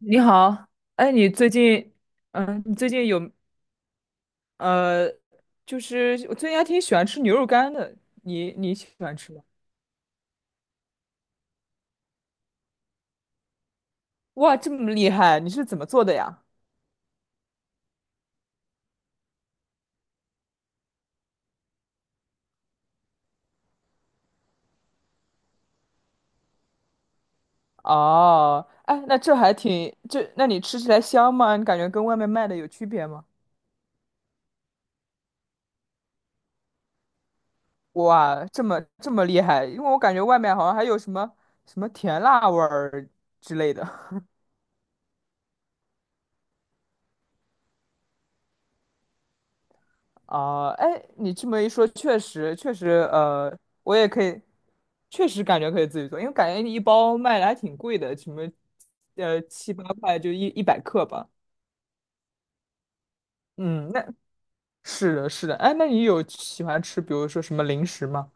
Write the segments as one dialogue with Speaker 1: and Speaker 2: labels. Speaker 1: 你好，哎，你最近，你最近有呃，就是我最近还挺喜欢吃牛肉干的，你喜欢吃吗？哇，这么厉害，你是怎么做的呀？哦，哎，那这还挺，这那你吃起来香吗？你感觉跟外面卖的有区别吗？哇，这么厉害，因为我感觉外面好像还有什么甜辣味儿之类的。啊，哎，你这么一说，确实确实，我也可以，确实感觉可以自己做，因为感觉你一包卖的还挺贵的，什么，七八块就一百克吧。嗯，那是的，是的，哎，那你有喜欢吃，比如说什么零食吗？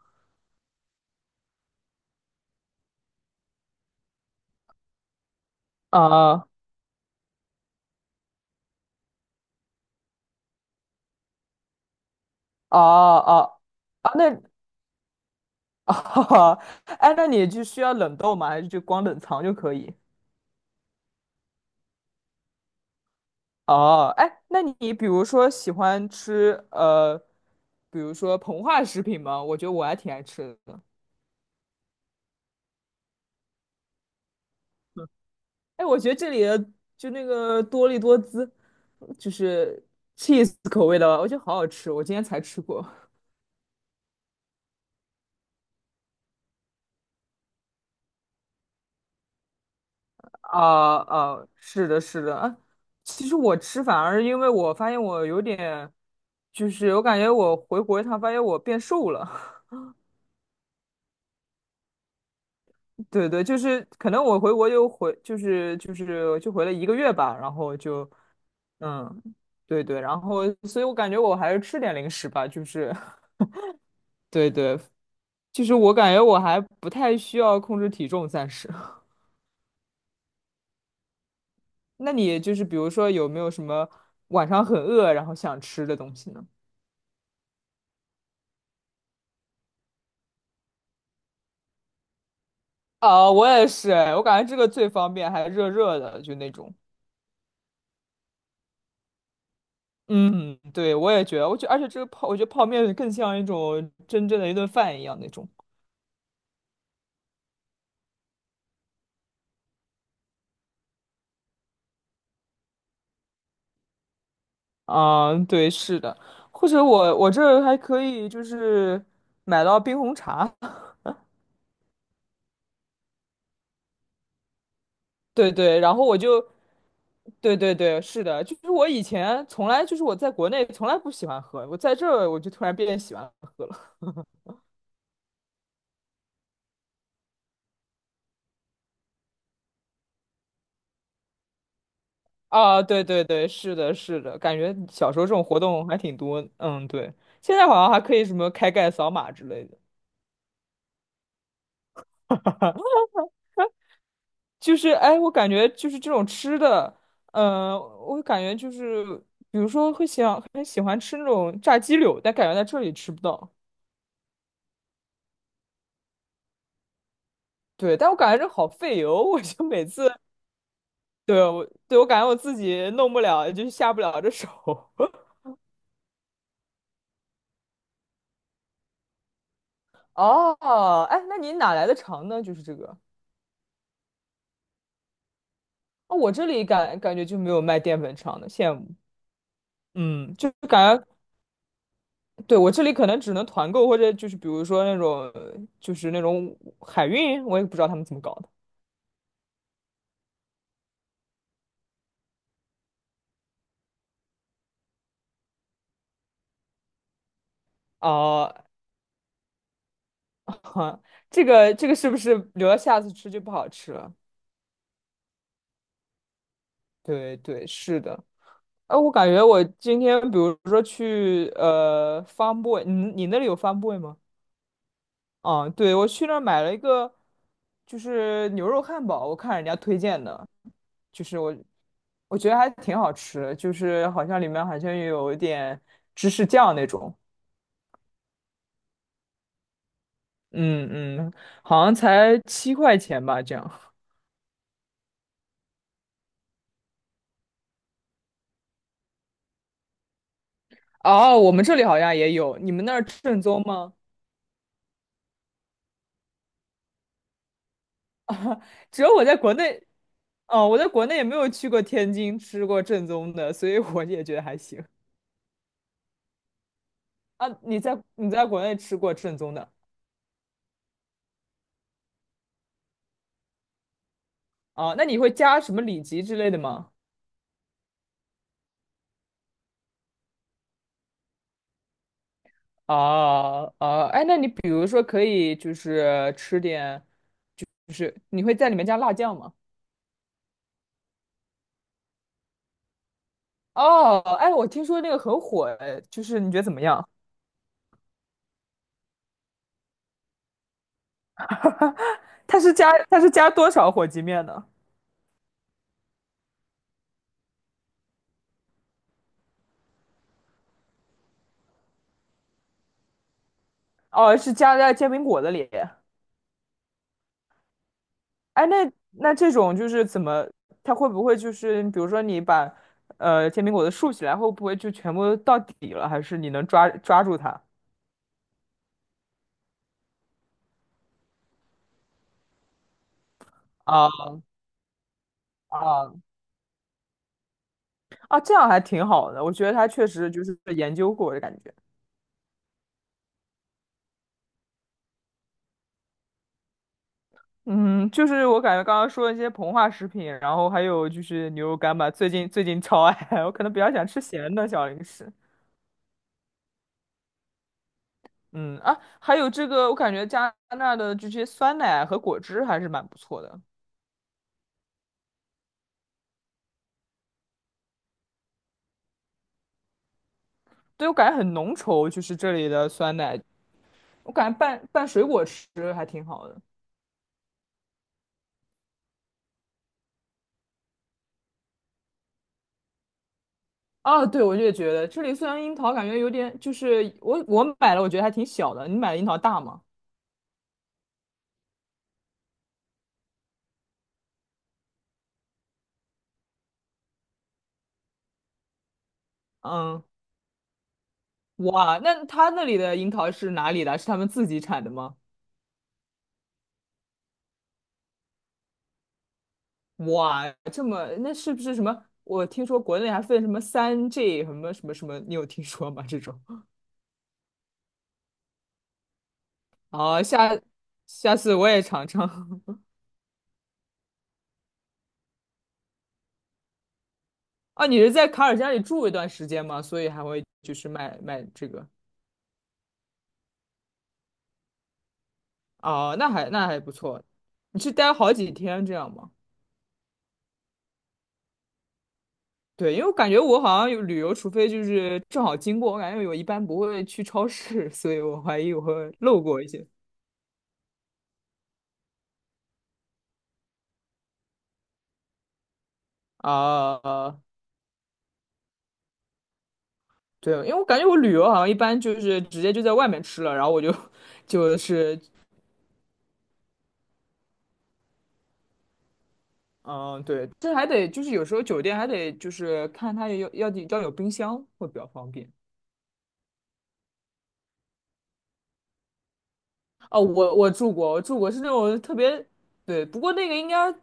Speaker 1: 啊啊啊啊，那 啊，哎，那你就需要冷冻吗？还是就光冷藏就可以？哦，哎，那你比如说喜欢吃比如说膨化食品吗？我觉得我还挺爱吃的。哎，我觉得这里的就那个多利多滋，就是 cheese 口味的，我觉得好好吃。我今天才吃过。啊啊，是的，是的。啊其实我吃反而因为我发现我有点，就是我感觉我回国一趟，发现我变瘦了。对对，就是可能我回国就回，就是就回了1个月吧，然后就。嗯，对对，然后，所以我感觉我还是吃点零食吧，就是 对对，就是我感觉我还不太需要控制体重，暂时。那你就是比如说有没有什么晚上很饿然后想吃的东西呢？啊，我也是哎，我感觉这个最方便，还热热的，就那种。嗯，对，我也觉得，我觉得泡面更像一种真正的一顿饭一样那种。啊，对，是的，或者我这儿还可以就是买到冰红茶。对对，然后我就，对对对，是的，就是我以前从来就是我在国内从来不喜欢喝，我在这儿我就突然变喜欢了啊，对对对，是的，是的，感觉小时候这种活动还挺多，嗯，对，现在好像还可以什么开盖扫码之类的，就是哎，我感觉就是这种吃的，嗯、我感觉就是比如说会想很喜欢吃那种炸鸡柳，但感觉在这里吃不到，对，但我感觉这好费油，我就每次。对。对，我感觉我自己弄不了，就是下不了这手。哦，哎，那你哪来的肠呢？就是这个。哦，我这里感觉就没有卖淀粉肠的，羡慕。嗯，就感觉，对，我这里可能只能团购，或者就是比如说那种，就是那种海运，我也不知道他们怎么搞的。哦，这个是不是留到下次吃就不好吃了？对对，是的。哎，我感觉我今天比如说去f a r Boy，你那里有 f a r Boy 吗？啊，对，我去那儿买了一个，就是牛肉汉堡，我看人家推荐的，就是我觉得还挺好吃的，就是好像里面好像有一点芝士酱那种，嗯嗯，好像才7块钱吧，这样。哦，我们这里好像也有，你们那儿正宗吗？只有我在国内，哦，我在国内也没有去过天津吃过正宗的，所以我也觉得还行。啊，你在国内吃过正宗的？啊？那你会加什么里脊之类的吗？啊啊，哎，那你比如说可以就是吃点，就是你会在里面加辣酱吗？哦，哎，我听说那个很火，哎，就是你觉得怎么样？它是加多少火鸡面呢？哦，是加在煎饼果子里。哎，那这种就是怎么，它会不会就是比如说你把煎饼果子竖起来，会不会就全部到底了？还是你能抓住它？啊啊啊，这样还挺好的，我觉得他确实就是研究过的感觉。嗯，就是我感觉刚刚说的一些膨化食品，然后还有就是牛肉干吧，最近超爱，我可能比较想吃咸的小零食。嗯啊，还有这个，我感觉加拿大的这些酸奶和果汁还是蛮不错的。对，我感觉很浓稠，就是这里的酸奶，我感觉拌拌水果吃还挺好的。啊，对，我也觉得这里虽然樱桃感觉有点，就是我买了，我觉得还挺小的。你买的樱桃大吗？嗯，哇，那他那里的樱桃是哪里的？是他们自己产的吗？哇，这么那是不是什么？我听说国内还分什么3G 什么什么什么，你有听说吗？这种啊，下次我也尝尝。啊，你是在卡尔加里住一段时间吗？所以还会就是卖卖这个哦，那还不错。你是待好几天这样吗？对，因为我感觉我好像有旅游，除非就是正好经过，我感觉我一般不会去超市，所以我怀疑我会漏过一些。啊、对，因为我感觉我旅游好像一般就是直接就在外面吃了，然后我就 就是，嗯，对，这还得就是有时候酒店还得就是看它有要有冰箱会比较方便。哦，我住过是那种特别，对，不过那个应该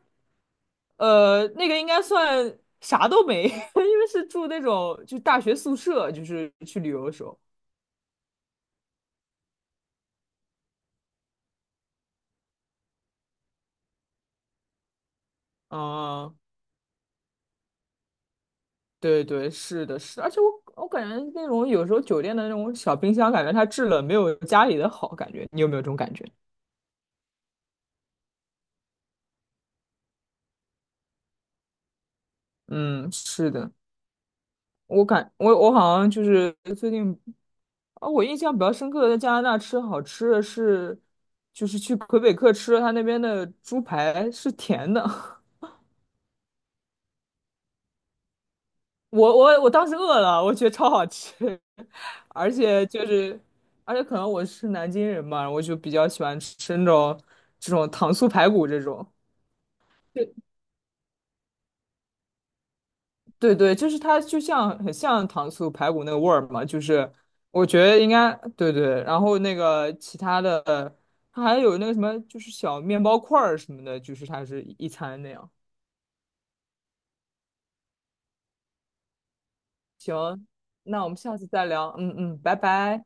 Speaker 1: 算啥都没，因为是住那种就大学宿舍，就是去旅游的时候。嗯对对，是的，是的而且我感觉那种有时候酒店的那种小冰箱，感觉它制冷没有家里的好，感觉你有没有这种感觉？嗯，是的，我感我我好像就是最近啊，我印象比较深刻的在加拿大吃好吃的是，就是去魁北克吃了他那边的猪排是甜的，我当时饿了，我觉得超好吃，而且就是可能我是南京人嘛，我就比较喜欢吃这种糖醋排骨这种。对对，就是它就像很像糖醋排骨那个味儿嘛，就是我觉得应该对对，然后那个其他的，它还有那个什么，就是小面包块儿什么的，就是它是一餐那样。嗯，那我们下次再聊，嗯嗯，拜拜。